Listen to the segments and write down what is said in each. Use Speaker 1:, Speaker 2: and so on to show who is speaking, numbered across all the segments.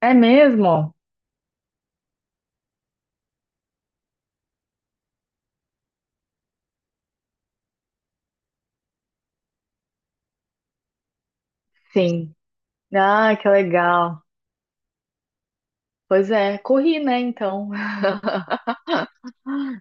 Speaker 1: É mesmo? Sim. Ah, que legal. Pois é, corri, né, então.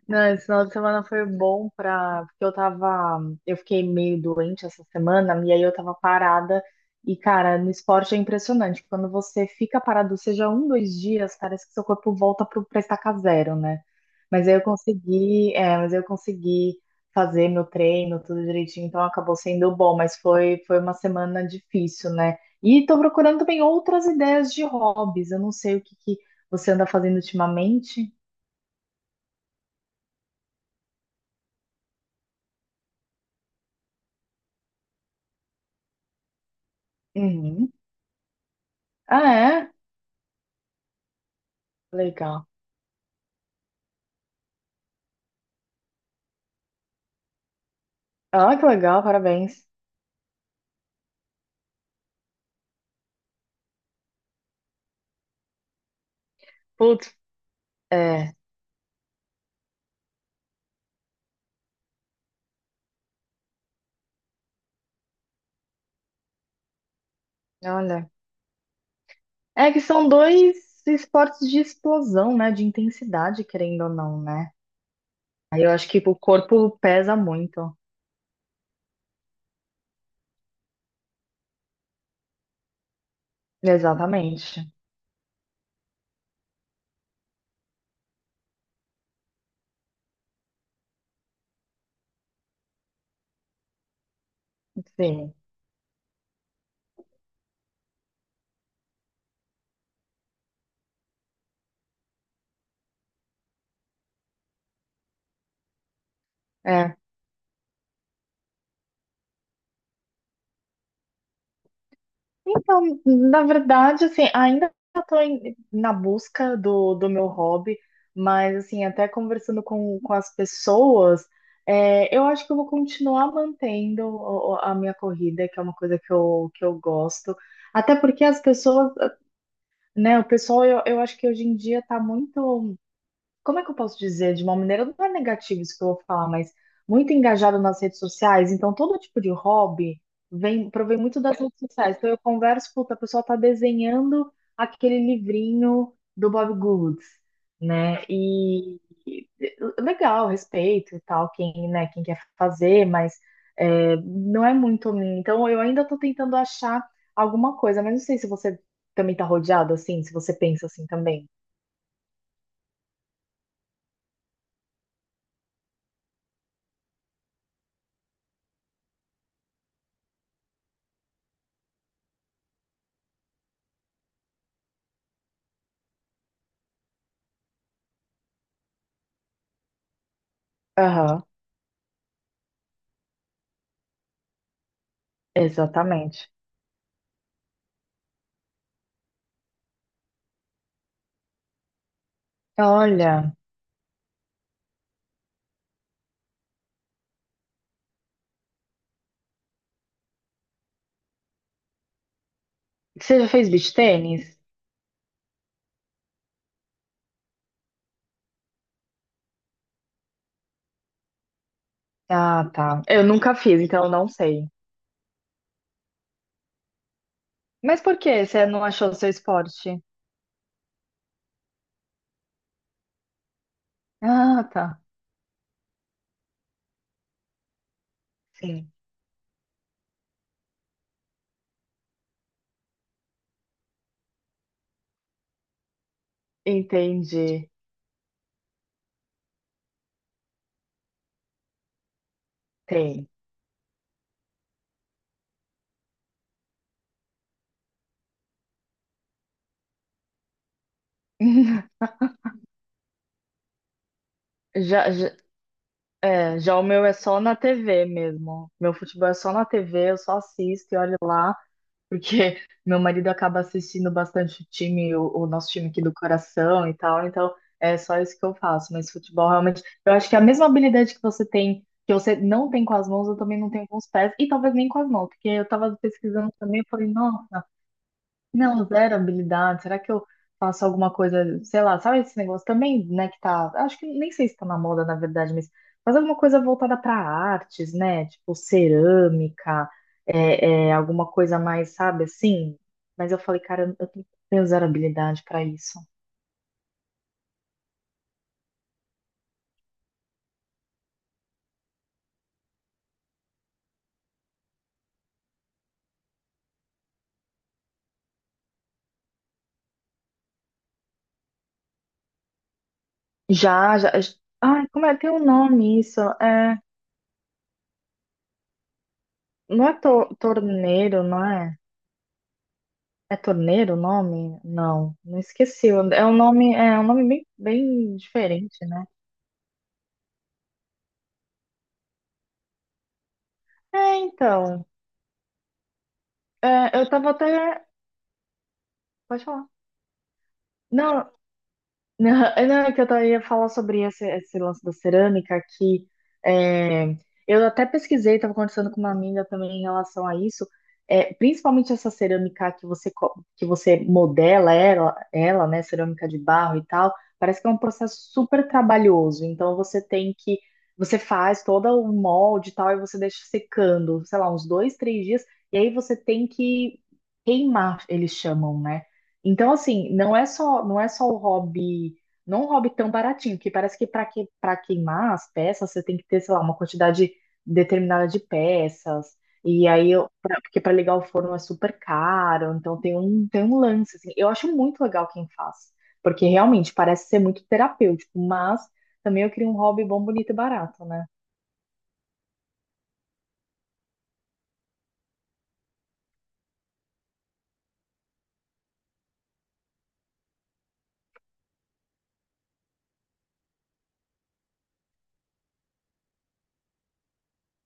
Speaker 1: Não, esse final de semana foi bom pra. Porque eu tava. Eu fiquei meio doente essa semana, e aí eu tava parada. E, cara, no esporte é impressionante. Quando você fica parado, seja um, dois dias, parece que seu corpo volta pro, pra estaca zero, né? Mas aí eu consegui. Mas aí eu consegui fazer meu treino, tudo direitinho, então acabou sendo bom. Mas foi uma semana difícil, né? E tô procurando também outras ideias de hobbies. Eu não sei o que que você anda fazendo ultimamente. Uhum. Ah, é? Legal. Ah, que legal, parabéns. Putz, é, olha. É que são dois esportes de explosão, né? De intensidade, querendo ou não, né? Aí eu acho que o corpo pesa muito. Exatamente. Sim. é Então, na verdade, assim, ainda estou na busca do, do meu hobby, mas, assim, até conversando com as pessoas, eu acho que eu vou continuar mantendo a minha corrida, que é uma coisa que eu gosto. Até porque as pessoas, né, o pessoal, eu acho que hoje em dia está muito, como é que eu posso dizer, de uma maneira, não é negativo isso que eu vou falar, mas muito engajado nas redes sociais, então todo tipo de hobby vem, provém muito das redes sociais. Então eu converso, puta, a pessoa tá desenhando aquele livrinho do Bob Goods, né? E, legal, respeito e tal, quem, né, quem quer fazer, mas é, não é muito mim. Então eu ainda tô tentando achar alguma coisa, mas não sei se você também tá rodeado assim, se você pensa assim também. Aham. Exatamente. Olha, você já fez beach tênis? Ah, tá. Eu nunca fiz, então eu não sei. Mas por que você não achou o seu esporte? Ah, tá. Sim, entendi. Tem. Já, já, é, já o meu é só na TV mesmo. Meu futebol é só na TV, eu só assisto e olho lá. Porque meu marido acaba assistindo bastante o time, o nosso time aqui do coração e tal, então é só isso que eu faço. Mas futebol realmente, eu acho que é a mesma habilidade que você tem, que você não tem com as mãos, eu também não tenho com os pés, e talvez nem com as mãos, porque eu tava pesquisando também, eu falei, nossa. Não, zero habilidade. Será que eu faço alguma coisa, sei lá, sabe esse negócio também, né, que tá, acho que nem sei se tá na moda, na verdade, mas faz alguma coisa voltada para artes, né? Tipo cerâmica, é, é, alguma coisa mais, sabe, assim. Mas eu falei, cara, eu tenho zero habilidade para isso. Já, já. Ai, como é? Tem um nome isso? É, não é to- torneiro, não é? É torneiro o nome? Não, não esqueci. É um nome bem, bem diferente, né? É, então, é, eu tava até. Pode falar. Não, Não, não, é que eu tava- ia falar sobre esse, esse lance da cerâmica que é, eu até pesquisei, estava conversando com uma amiga também em relação a isso, é, principalmente essa cerâmica que você, co- que você modela ela, ela, né, cerâmica de barro e tal, parece que é um processo super trabalhoso, então você tem que, você faz todo o molde e tal, e você deixa secando, sei lá, uns dois, três dias, e aí você tem que queimar, eles chamam, né? Então, assim, não é só, não é só o hobby, não é um hobby tão baratinho, que parece que, para queimar as peças você tem que ter, sei lá, uma quantidade determinada de peças. E aí, eu- pra- porque para ligar o forno é super caro, então tem um lance, assim. Eu acho muito legal quem faz, porque realmente parece ser muito terapêutico, mas também eu queria um hobby bom, bonito e barato, né?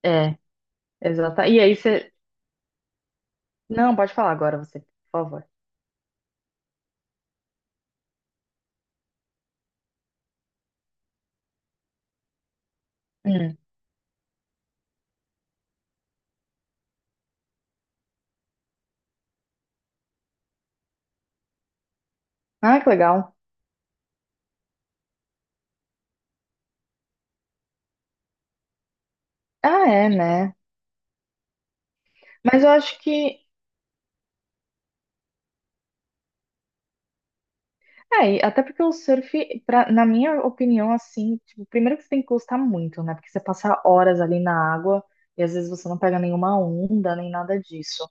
Speaker 1: É, exato. E aí você. Não, pode falar agora você, por favor. Hum. Ah, que legal. Ah, é, né? Mas eu acho que. É, e até porque o surf, pra, na minha opinião, assim, tipo, primeiro que você tem que gostar muito, né? Porque você passa horas ali na água e às vezes você não pega nenhuma onda nem nada disso.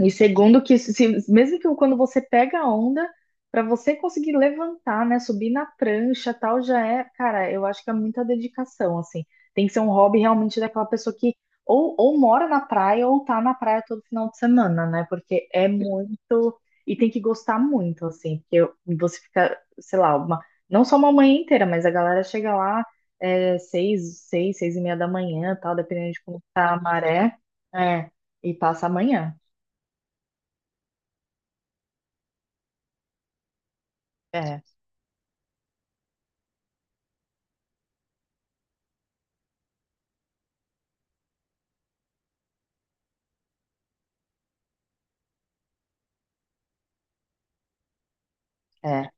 Speaker 1: E segundo que se- mesmo que quando você pega a onda, para você conseguir levantar, né, subir na prancha, tal, já é, cara, eu acho que é muita dedicação, assim. Tem que ser um hobby realmente daquela pessoa que ou mora na praia ou tá na praia todo final de semana, né? Porque é muito e tem que gostar muito, assim, porque eu- você fica, sei lá, uma, não só uma manhã inteira, mas a galera chega lá é, 6, 6, 6 e meia da manhã, tal, dependendo de como tá a maré, é, e passa a manhã. É. É.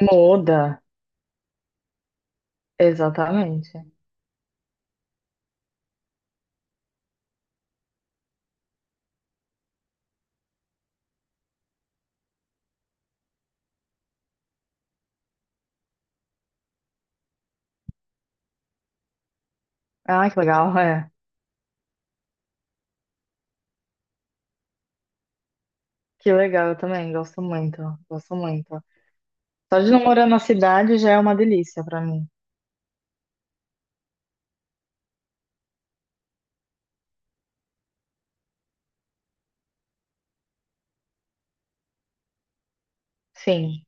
Speaker 1: Muda. Exatamente. Ah, que legal, é. Que legal, eu também gosto muito. Gosto muito. Só de não morar na cidade já é uma delícia pra mim. Sim.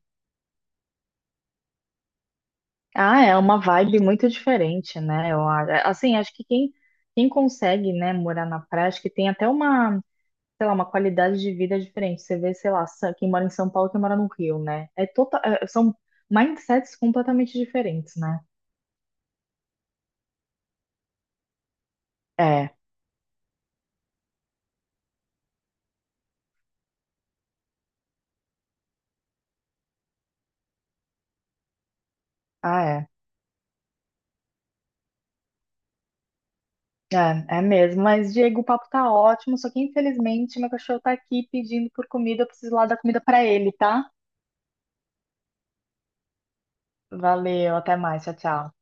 Speaker 1: Ah, é uma vibe muito diferente, né? É, assim, acho que quem, quem consegue, né, morar na praia, acho que tem até uma, sei lá, uma qualidade de vida diferente. Você vê, sei lá, Sa- quem mora em São Paulo, quem mora no Rio, né? É total, é- são mindsets completamente diferentes, né? É. Ah, é. É, é mesmo. Mas, Diego, o papo tá ótimo, só que infelizmente meu cachorro tá aqui pedindo por comida, eu preciso lá dar comida pra ele, tá? Valeu, até mais, tchau, tchau.